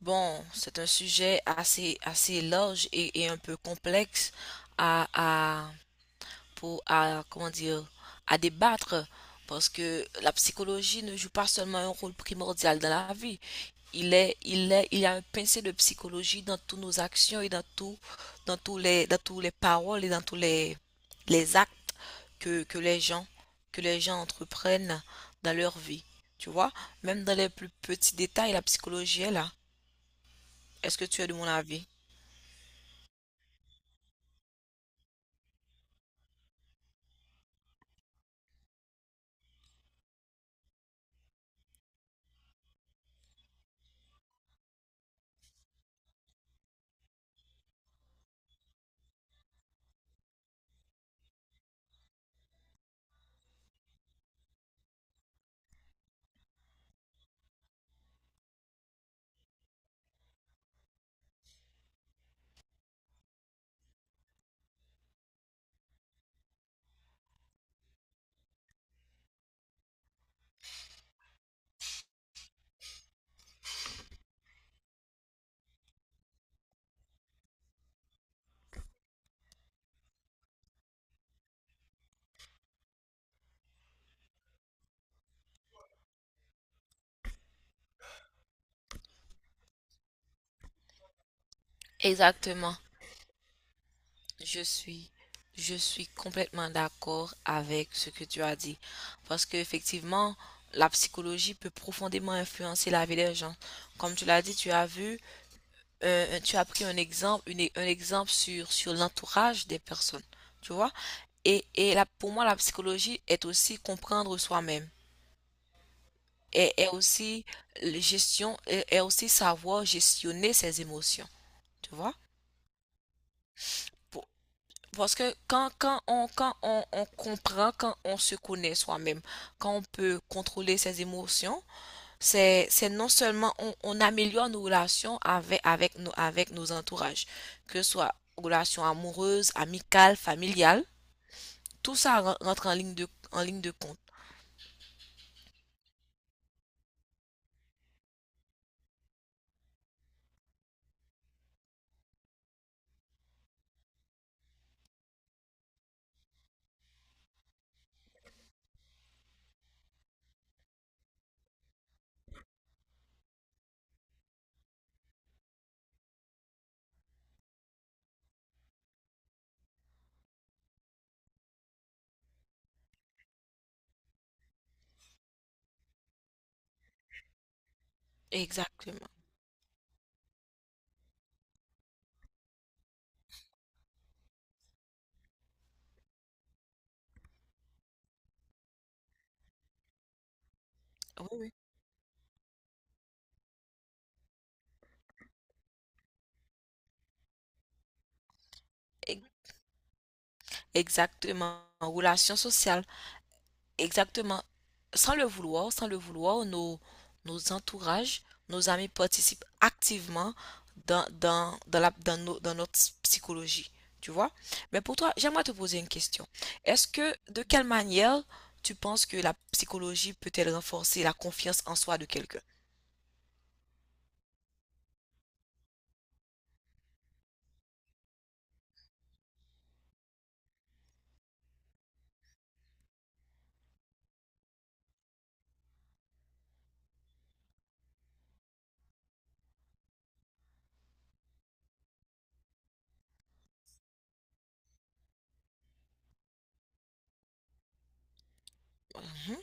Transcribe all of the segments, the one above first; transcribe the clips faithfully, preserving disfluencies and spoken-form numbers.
Bon, c'est un sujet assez, assez large et, et un peu complexe à, à, pour, à, comment dire, à débattre parce que la psychologie ne joue pas seulement un rôle primordial dans la vie. Il est, il est, il y a un pincé de psychologie dans toutes nos actions et dans tout, dans tous les, dans tous les paroles et dans tous les, les actes que, que les gens, que les gens entreprennent dans leur vie. Tu vois, même dans les plus petits détails, la psychologie est là. Est-ce que tu es de mon avis? Exactement. Je suis, je suis complètement d'accord avec ce que tu as dit. Parce qu'effectivement, la psychologie peut profondément influencer la vie des gens. Comme tu l'as dit, tu as vu, euh, tu as pris un exemple, une- un exemple sur, sur l'entourage des personnes. Tu vois? Et, et là, pour moi, la psychologie est aussi comprendre soi-même. Et est aussi euh, gestion, est est aussi savoir gestionner ses émotions. Tu vois? Pour- Parce que quand, quand, on, quand on, on comprend, quand on se connaît soi-même, quand on peut contrôler ses émotions, c'est, c'est non seulement on, on améliore nos relations avec, avec, nos, avec nos entourages, que ce soit relations amoureuses, amicales, familiales, tout ça ren- rentre en ligne de, en ligne de compte. Exactement. Oui, oui. E- Exactement. En relation sociale. Exactement. Sans le vouloir, sans le vouloir, nos, nos entourages, nos amis participent activement dans, dans, dans la, dans, nos- dans notre psychologie, tu vois. Mais pour toi, j'aimerais te poser une question. Est-ce que, de quelle manière tu penses que la psychologie peut-elle renforcer la confiance en soi de quelqu'un? Mhm.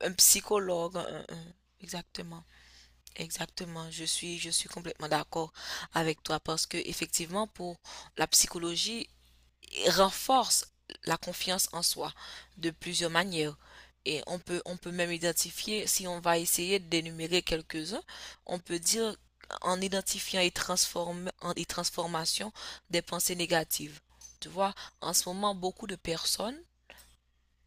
Un psychologue, un- un- exactement. Exactement, je suis, je suis complètement d'accord avec toi parce que effectivement, pour la psychologie, renforce la confiance en soi de plusieurs manières. Et on peut, on peut même identifier, si on va essayer de d'énumérer quelques-uns, on peut dire en identifiant et, transforme, en- et transformation des pensées négatives. Tu vois, en ce moment, beaucoup de personnes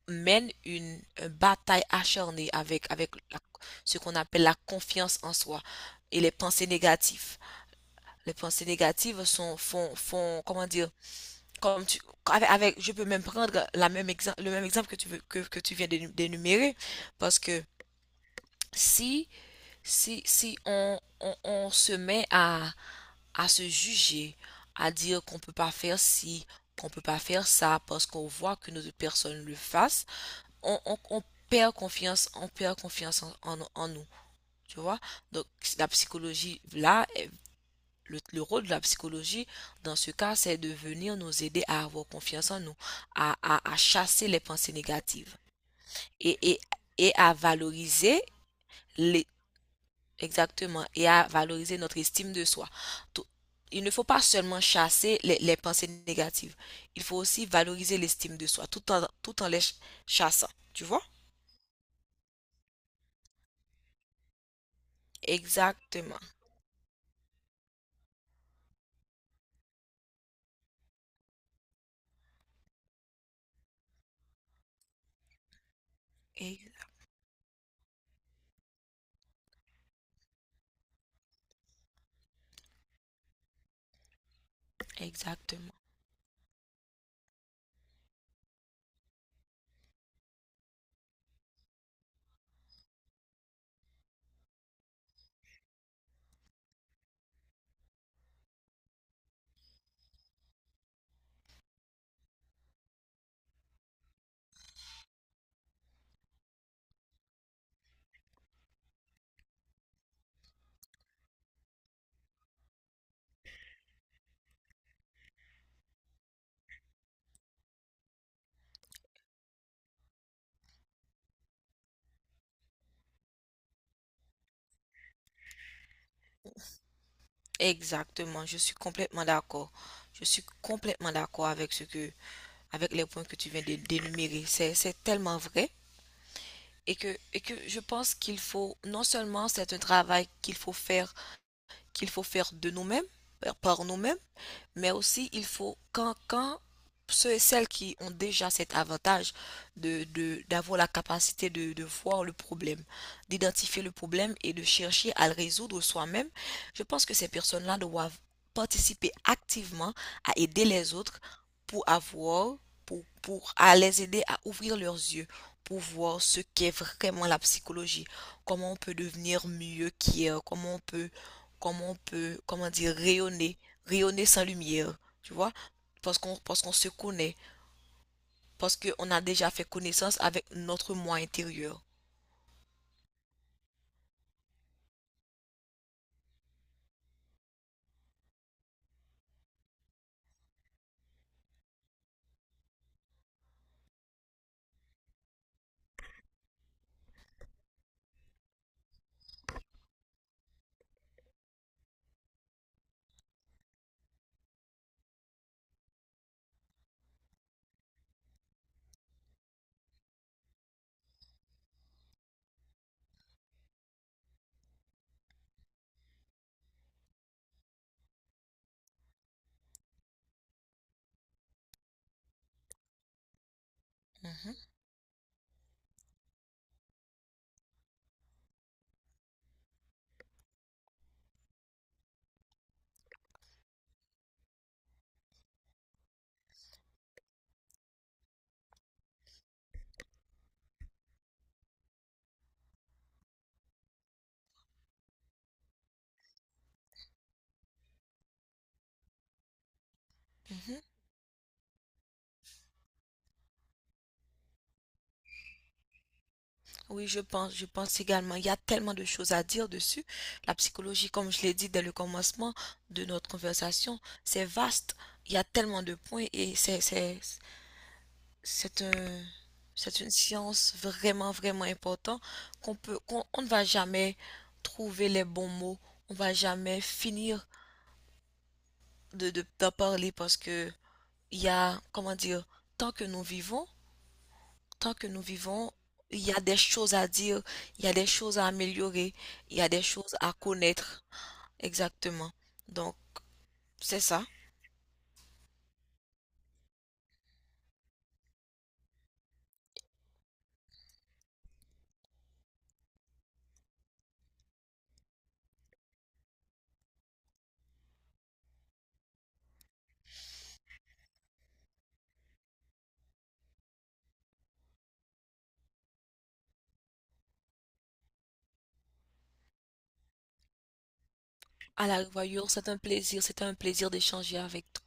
mènent une, une bataille acharnée avec, avec la- ce qu'on appelle la confiance en soi et les pensées négatives. Les pensées négatives sont, font, font, comment dire, comme tu, avec, avec- je peux même prendre la même exemple, le même exemple que tu veux, que, que tu viens d'énu- d'énumérer, parce que si, si, si on, on, on se met à, à se juger, à dire qu'on peut pas faire ci, qu'on peut pas faire ça, parce qu'on voit que nos personnes le fassent, on, on, on perd confiance, on perd confiance en, en, en nous, tu vois? Donc la psychologie là le, le rôle de la psychologie dans ce cas, c'est de venir nous aider à avoir confiance en nous, à, à- à chasser les pensées négatives et, et, et à valoriser les, exactement, et à valoriser notre estime de soi. Tout- il ne faut pas seulement chasser les, les pensées négatives, il faut aussi valoriser l'estime de soi tout en, tout en les chassant, tu vois? Exactement. Exactement. Exactement. Je suis complètement d'accord. Je suis complètement d'accord avec ce que, avec les points que tu viens de d'énumérer. C'est tellement vrai. Et que, et que je pense qu'il faut, non seulement c'est un travail qu'il faut faire, qu'il faut faire de nous-mêmes, par nous-mêmes, mais aussi, il faut, quand, quand ceux et celles qui ont déjà cet avantage de, de- d'avoir la capacité de, de voir le problème, d'identifier le problème et de chercher à le résoudre soi-même, je pense que ces personnes-là doivent participer activement à aider les autres pour avoir, pour, pour à les aider à ouvrir leurs yeux, pour voir ce qu'est vraiment la psychologie, comment on peut devenir mieux qu'hier, comment on peut, comment on peut, comment dire, rayonner rayonner sans lumière, tu vois, parce qu'on parce qu'on se connaît, parce qu'on a déjà fait connaissance avec notre moi intérieur. Mhm, mhm. Oui, je pense, je pense également. Il y a tellement de choses à dire dessus. La psychologie, comme je l'ai dit dès le commencement de notre conversation, c'est vaste. Il y a tellement de points et c'est, c'est, c'est un, c'est une science vraiment, vraiment importante qu'on peut, qu'on, on ne va jamais trouver les bons mots. On va jamais finir de, de, d'en parler parce que il y a, comment dire, tant que nous vivons, tant que nous vivons, il y a des choses à dire, il y a des choses à améliorer, il y a des choses à connaître. Exactement. Donc, c'est ça. À la revoyure, c'est un plaisir, c'était un plaisir d'échanger avec toi.